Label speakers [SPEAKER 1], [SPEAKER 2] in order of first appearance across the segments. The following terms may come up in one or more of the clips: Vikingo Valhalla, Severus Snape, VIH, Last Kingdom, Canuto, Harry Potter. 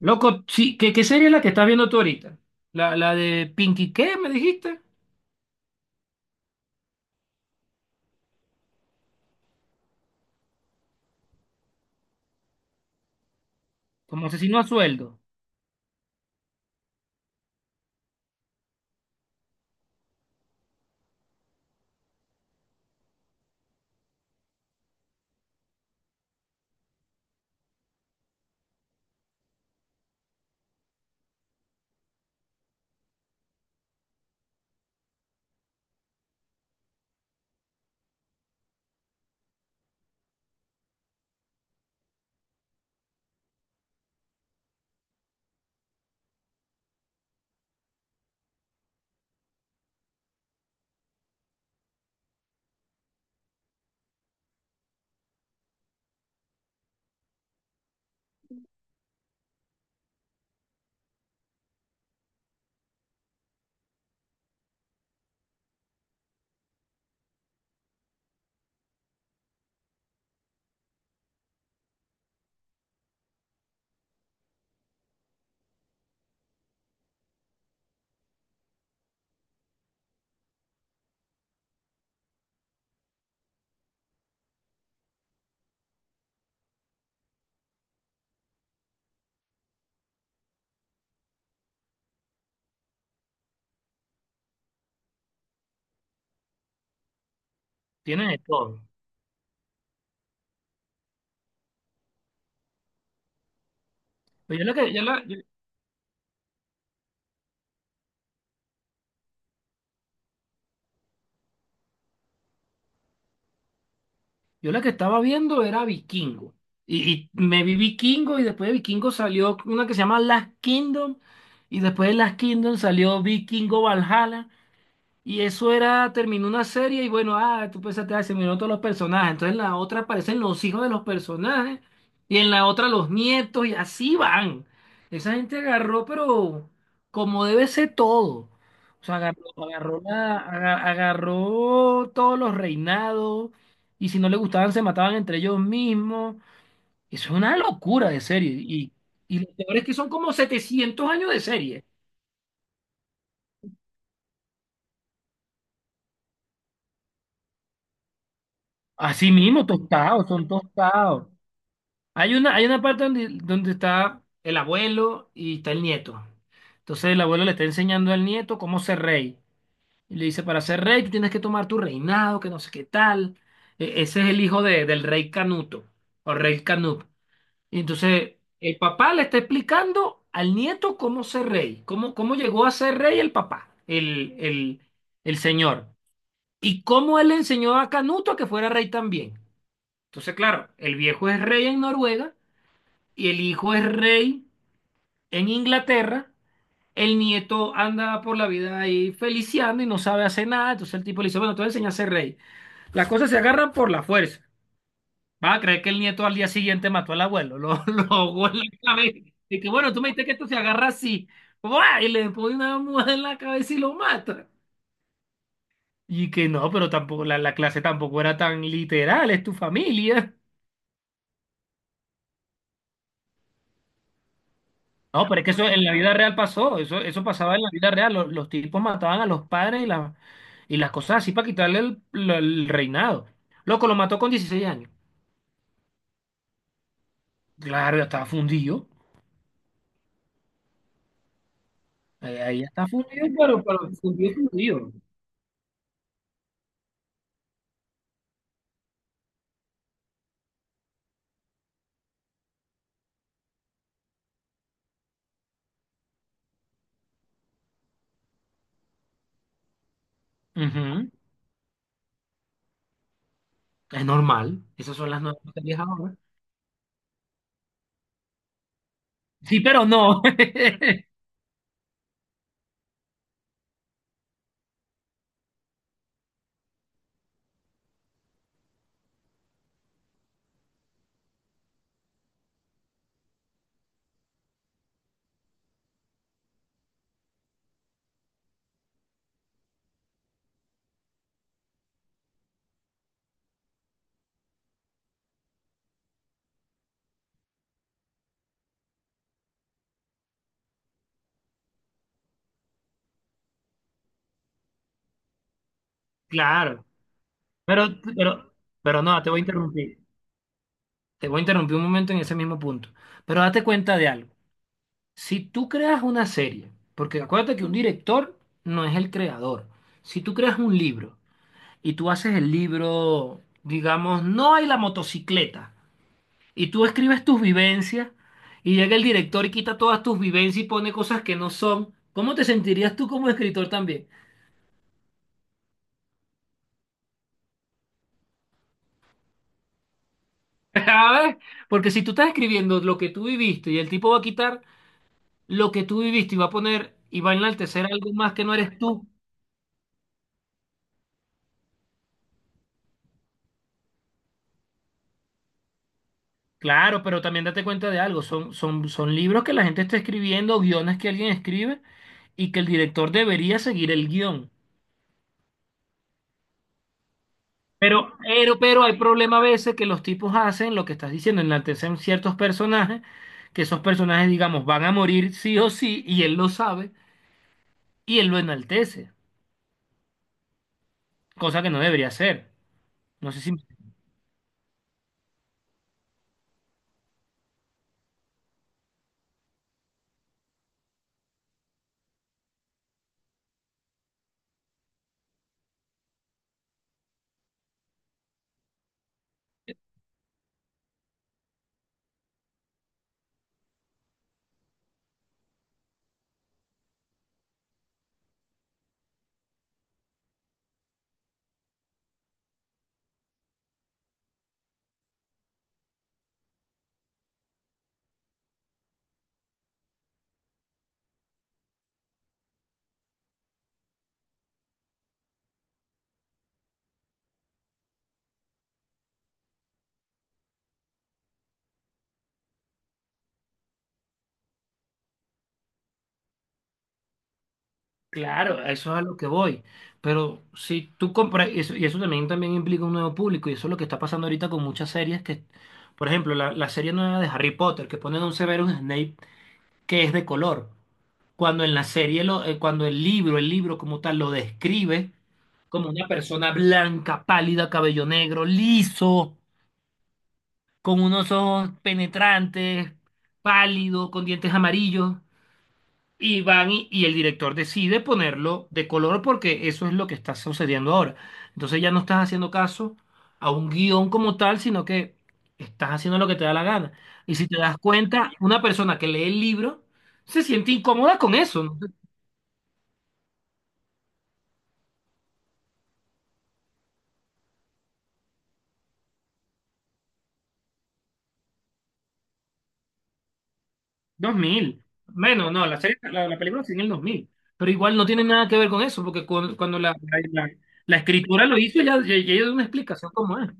[SPEAKER 1] Loco, sí, ¿qué serie es la que estás viendo tú ahorita? La de Pinky, ¿qué me dijiste? Como asesino a sueldo. Tiene de todo. Pero yo la que, yo la, yo la que estaba viendo era Vikingo. Y me vi Vikingo, y después de Vikingo salió una que se llama Last Kingdom. Y después de Last Kingdom salió Vikingo Valhalla. Y eso era, terminó una serie y bueno, ah, tú pensaste, ah, se miraron todos los personajes. Entonces en la otra aparecen los hijos de los personajes, y en la otra los nietos, y así van. Esa gente agarró, pero como debe ser todo. O sea, agarró todos los reinados, y si no le gustaban se mataban entre ellos mismos. Eso es una locura de serie. Y lo peor es que son como 700 años de serie. Así mismo, tostados, son tostados. Hay una parte donde, donde está el abuelo y está el nieto. Entonces el abuelo le está enseñando al nieto cómo ser rey. Y le dice, para ser rey tú tienes que tomar tu reinado, que no sé qué tal. Ese es el hijo del rey Canuto o rey Canut. Y entonces el papá le está explicando al nieto cómo ser rey, cómo llegó a ser rey el papá, el señor. Y cómo él le enseñó a Canuto a que fuera rey también. Entonces, claro, el viejo es rey en Noruega y el hijo es rey en Inglaterra, el nieto anda por la vida ahí feliciando y no sabe hacer nada, entonces el tipo le dice, bueno, te voy a enseñar a ser rey. Las cosas se agarran por la fuerza. Va a creer que el nieto al día siguiente mató al abuelo, lo ahogó en la cabeza. Y que bueno, tú me dijiste que esto se agarra así. ¡Buah! Y le pone una muda en la cabeza y lo mata. Y que no, pero tampoco la clase tampoco era tan literal, es tu familia. No, pero es que eso en la vida real pasó, eso pasaba en la vida real, los tipos mataban a los padres y, y las cosas así para quitarle el reinado. Loco, lo mató con 16 años. Claro, ya estaba fundido, ahí ya está fundido, pero fundido, fundido. Ujú. Es normal, esas son las nuevas teorías ahora. Sí, pero no. Claro, pero, pero, pero no, te voy a interrumpir, te voy a interrumpir un momento en ese mismo punto. Pero date cuenta de algo. Si tú creas una serie, porque acuérdate que un director no es el creador. Si tú creas un libro y tú haces el libro, digamos, no hay la motocicleta, y tú escribes tus vivencias, y llega el director y quita todas tus vivencias y pone cosas que no son, ¿cómo te sentirías tú como escritor también? A ver, porque si tú estás escribiendo lo que tú viviste y el tipo va a quitar lo que tú viviste y va a poner y va a enaltecer algo más que no eres tú. Claro, pero también date cuenta de algo, son libros que la gente está escribiendo, guiones que alguien escribe y que el director debería seguir el guión. Pero hay problema a veces que los tipos hacen lo que estás diciendo, enaltecen ciertos personajes, que esos personajes, digamos, van a morir sí o sí, y él lo sabe, y él lo enaltece, cosa que no debería hacer. No sé si... Claro, a eso es a lo que voy. Pero si tú compras, y eso también, también implica un nuevo público, y eso es lo que está pasando ahorita con muchas series que, por ejemplo, la serie nueva de Harry Potter, que ponen a un Severus Snape que es de color, cuando en la serie, lo, cuando el libro como tal, lo describe como una persona blanca, pálida, cabello negro, liso, con unos ojos penetrantes, pálido, con dientes amarillos. Y van y el director decide ponerlo de color porque eso es lo que está sucediendo ahora. Entonces ya no estás haciendo caso a un guión como tal, sino que estás haciendo lo que te da la gana. Y si te das cuenta, una persona que lee el libro se siente incómoda con eso, ¿no? 2000, bueno, no, la serie, la película sigue en el 2000. Pero igual no tiene nada que ver con eso, porque cuando, la escritura lo hizo, ya dio una explicación como es.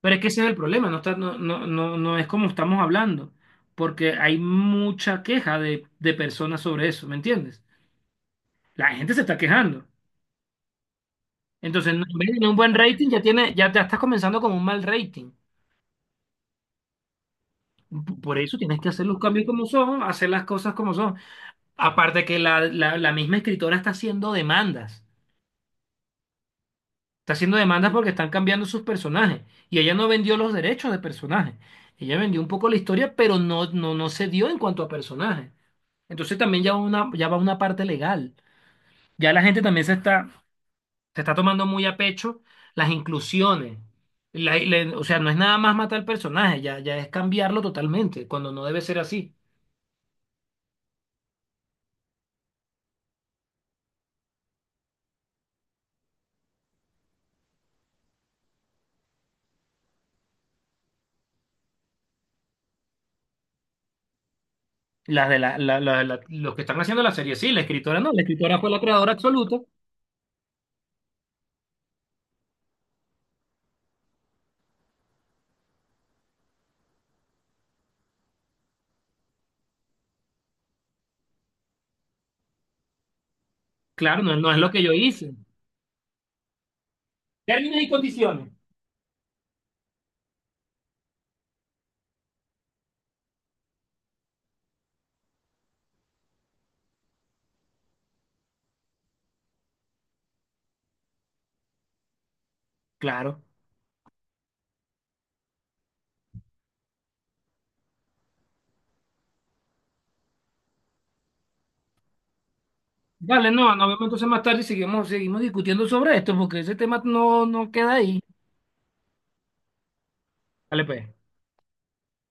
[SPEAKER 1] Pero es que ese es el problema, no está, no es como estamos hablando, porque hay mucha queja de personas sobre eso, ¿me entiendes? La gente se está quejando. Entonces, en vez de tener un buen rating, ya tiene, ya estás comenzando con un mal rating. Por eso tienes que hacer los cambios como son, hacer las cosas como son. Aparte que la misma escritora está haciendo demandas. Está haciendo demandas porque están cambiando sus personajes. Y ella no vendió los derechos de personajes. Ella vendió un poco la historia, pero no se dio en cuanto a personajes. Entonces también ya, una, ya va una parte legal. Ya la gente también se está tomando muy a pecho las inclusiones. O sea, no es nada más matar al personaje, ya es cambiarlo totalmente, cuando no debe ser así. Las de los que están haciendo la serie, sí, la escritora no, la escritora fue la creadora absoluta. Claro, no, no es lo que yo hice. Términos y condiciones. Claro. Vale, no, nos vemos entonces más tarde y seguimos, seguimos discutiendo sobre esto, porque ese tema no, no queda ahí. Dale, pues.